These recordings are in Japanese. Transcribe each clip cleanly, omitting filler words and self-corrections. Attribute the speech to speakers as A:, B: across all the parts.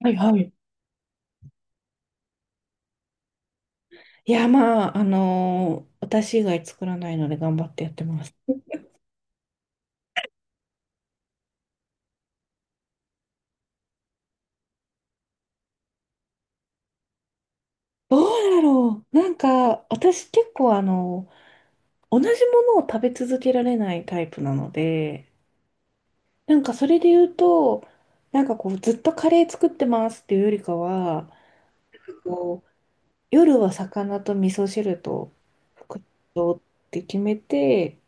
A: はいはい。いや、まあ、私以外作らないので頑張ってやってます。どうだろう。なんか、私結構、同じものを食べ続けられないタイプなので、なんかそれで言うと、なんかこう、ずっとカレー作ってますっていうよりかは、こう、夜は魚と味噌汁と副とって決めて、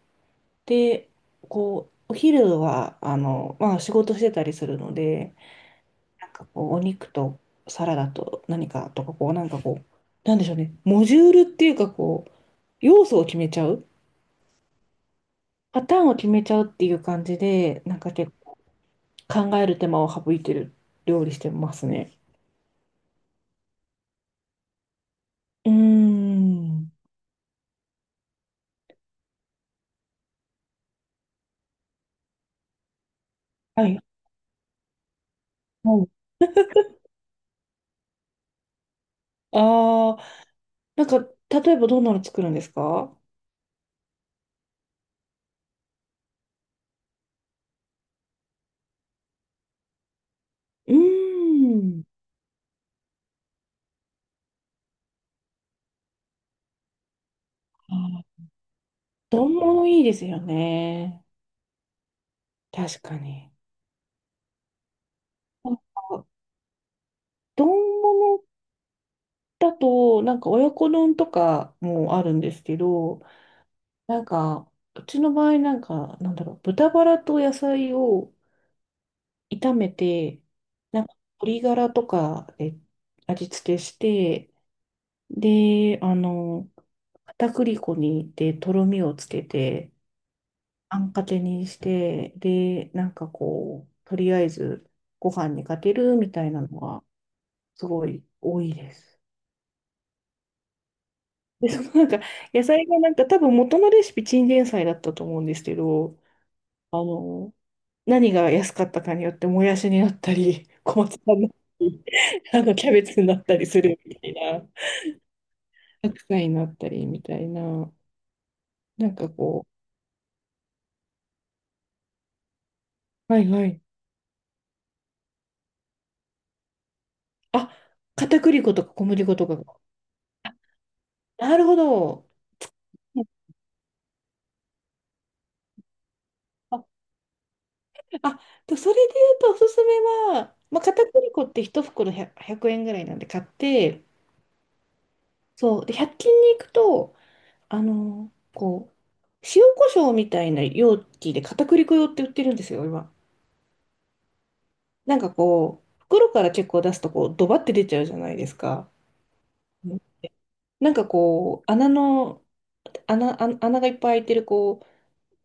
A: で、こう、お昼は、まあ仕事してたりするので、なんかこう、お肉とサラダと何かとか、こう、なんかこう、なんでしょうね、モジュールっていうか、こう、要素を決めちゃう、パターンを決めちゃうっていう感じで、なんか結構考える手間を省いてる料理してますね。うーん。はい。はい。ああ、なんか、例えばどんなの作るんですか？うーん。あー丼物いいですよね。確かに。なんか丼物だと、なんか親子丼とかもあるんですけど、なんか、うちの場合、なんか、なんだろう、豚バラと野菜を炒めて、なんか、鶏ガラとかで味付けして、で、片栗粉にでとろみをつけて、あんかけにして、で、なんかこう、とりあえずご飯にかけるみたいなのが、すごい多いです。で、そのなんか、野菜がなんか多分元のレシピチンゲン菜だったと思うんですけど、あの、何が安かったかによってもやしになったり、小松菜になったり、キャベツになったりするみたいな、白菜になったりみたいな、なんかこう、はいはい。あ、片栗粉とか小麦粉とかが。あ、なるほど。あ、あ、とそれで言うとおすすめは、まあ、片栗粉って1袋100、円ぐらいなんで買って、そう、で100均に行くと、こう、塩コショウみたいな容器で片栗粉用って売ってるんですよ、今。なんかこう、袋から結構出すとこう、ドバって出ちゃうじゃないですか。うん、なんかこう、穴の、穴、あ穴がいっぱい開いてるこ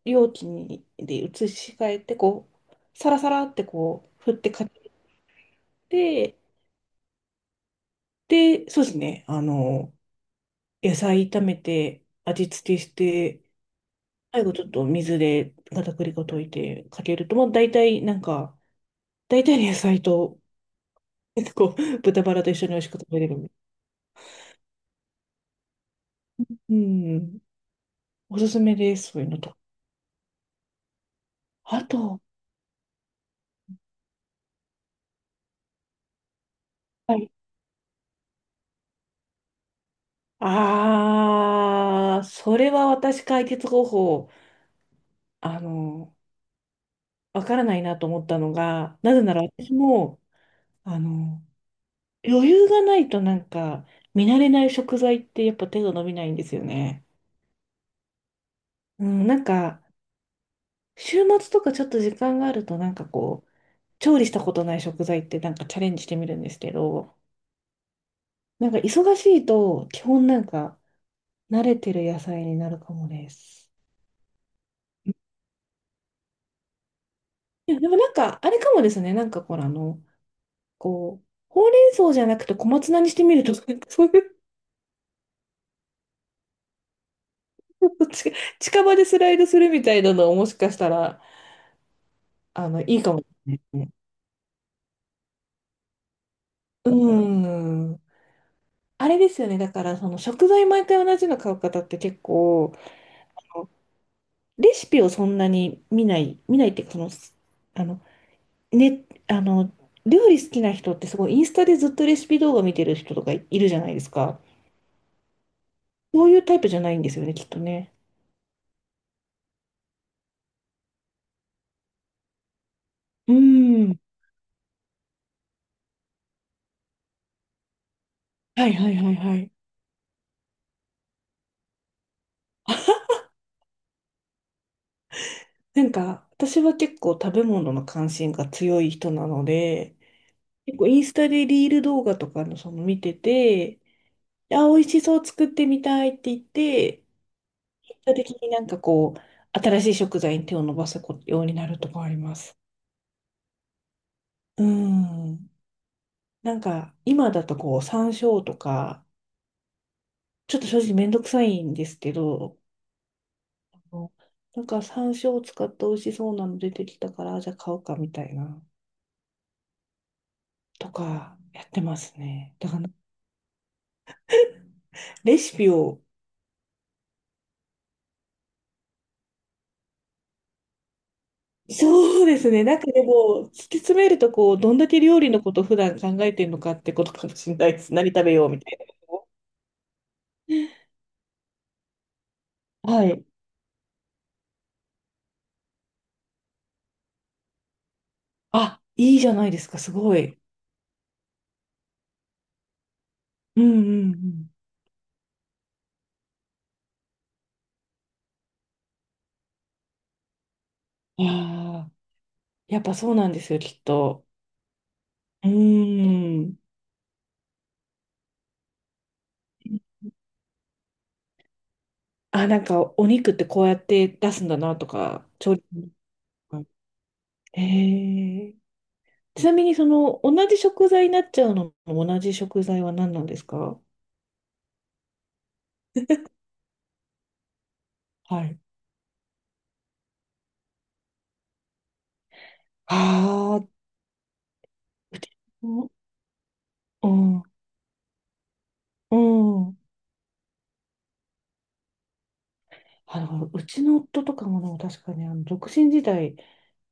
A: う、容器にで移し替えて、こう、サラサラってこう、振ってかけて、で、そうですね、野菜炒めて、味付けして、最後ちょっと水で片栗粉溶いてかけると、もう大体なんか、大体の野菜と、結構豚バラと一緒に美味しく食べれるみたい。うん。おすすめです、そういうのと。あと、はい。ああ、それは私解決方法、あの、わからないなと思ったのが、なぜなら私も、あの、余裕がないとなんか、見慣れない食材ってやっぱ手が伸びないんですよね。うん、なんか、週末とかちょっと時間があるとなんかこう、調理したことない食材ってなんかチャレンジしてみるんですけど、なんか忙しいと、基本なんか慣れてる野菜になるかもです。いや、でもなんか、あれかもですね。なんかほら、こう、ほうれん草じゃなくて小松菜にしてみるとなんか そういう、ち近場でスライドするみたいなのをもしかしたら、いいかもですね。うん。あれですよね。だから、その食材毎回同じの買う方って結構、レシピをそんなに見ない、見ないっていうか、その、あの、ね、料理好きな人ってすごいインスタでずっとレシピ動画見てる人とかいるじゃないですか。そういうタイプじゃないんですよね、きっとね。うーん。はいはいはいはい。なんか、私は結構食べ物の関心が強い人なので、結構インスタでリール動画とかのその見てて、あ、美味しそう作ってみたいって言って、結果的になんかこう、新しい食材に手を伸ばすようになるとかあります。うーん。なんか、今だとこう、山椒とか、ちょっと正直めんどくさいんですけど、あのなんか山椒を使って美味しそうなの出てきたから、じゃあ買おうかみたいな、とかやってますね。だからレシピを、そうですね。なんかでも、突き詰めると、こう、どんだけ料理のこと普段考えてるのかってことかもしれないです。何食べようみたいな。はい。あ、いいじゃないですか、すごい。うんうんうん。ああ、やっぱそうなんですよ、きっと。うーん。あ、なんかお肉ってこうやって出すんだなとか、調理。ええ、ちなみにその同じ食材になっちゃうのも同じ食材は何なんですか？はい。ああ、うちの、うん、うん。うちの夫とかもでも確かにあの独身時代、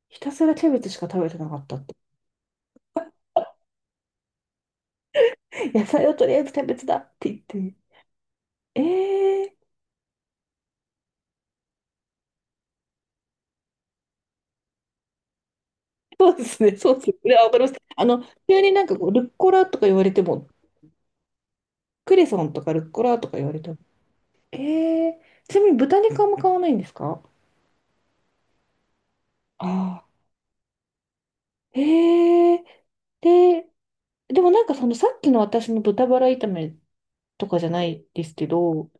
A: ひたすらキャベツしか食べてなかったって。野菜をとりあえずキャベツだって言って。ええー、そうですね、そうですね。いやわかります。急になんかこうルッコラとか言われても、クレソンとかルッコラとか言われてもええ、ちなみに豚肉あんま買わないんですか？ああ、ええ、で、でもなんかそのさっきの私の豚バラ炒めとかじゃないですけど、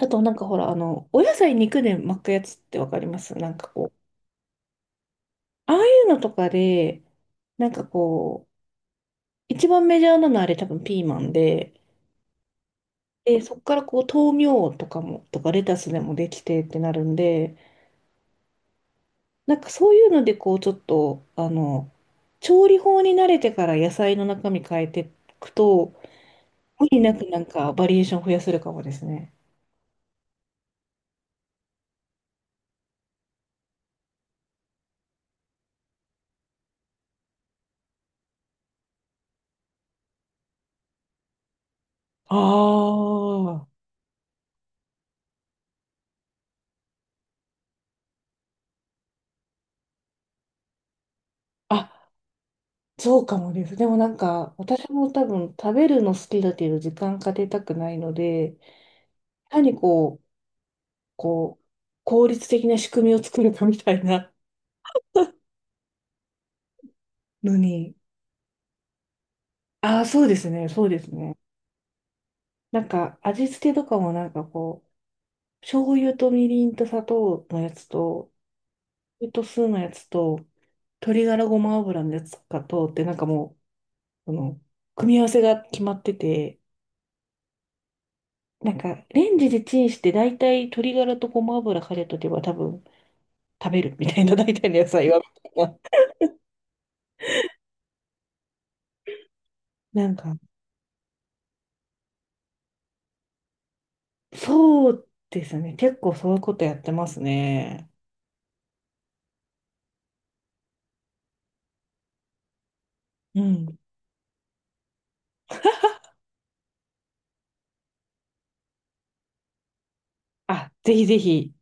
A: あとなんかほら、お野菜肉で巻くやつってわかります？なんかこう、ああいうのとかで、なんかこう、一番メジャーなのあれ多分ピーマンで、そっからこう豆苗とかも、とかレタスでもできてってなるんで、なんかそういうので、こう、ちょっと、調理法に慣れてから野菜の中身変えていくと、無理なくなんかバリエーション増やせるかもですね。ああ、あ、そうかもです。でもなんか、私も多分食べるの好きだけど時間かけたくないので、単にこう、効率的な仕組みを作るかみたいなのに。ああ、そうですね、そうですね。なんか味付けとかもなんかこう、醤油とみりんと砂糖のやつと、酢のやつと、鶏ガラごま油のやつかと、ってなんかもう、その、組み合わせが決まってて、なんか、レンジでチンして、大体鶏ガラとごま油かけとけば多分食べるみたいな、大体の野菜は、みたいな。なんか、そうですね。結構そういうことやってますね。うん。あ、ぜひぜひ。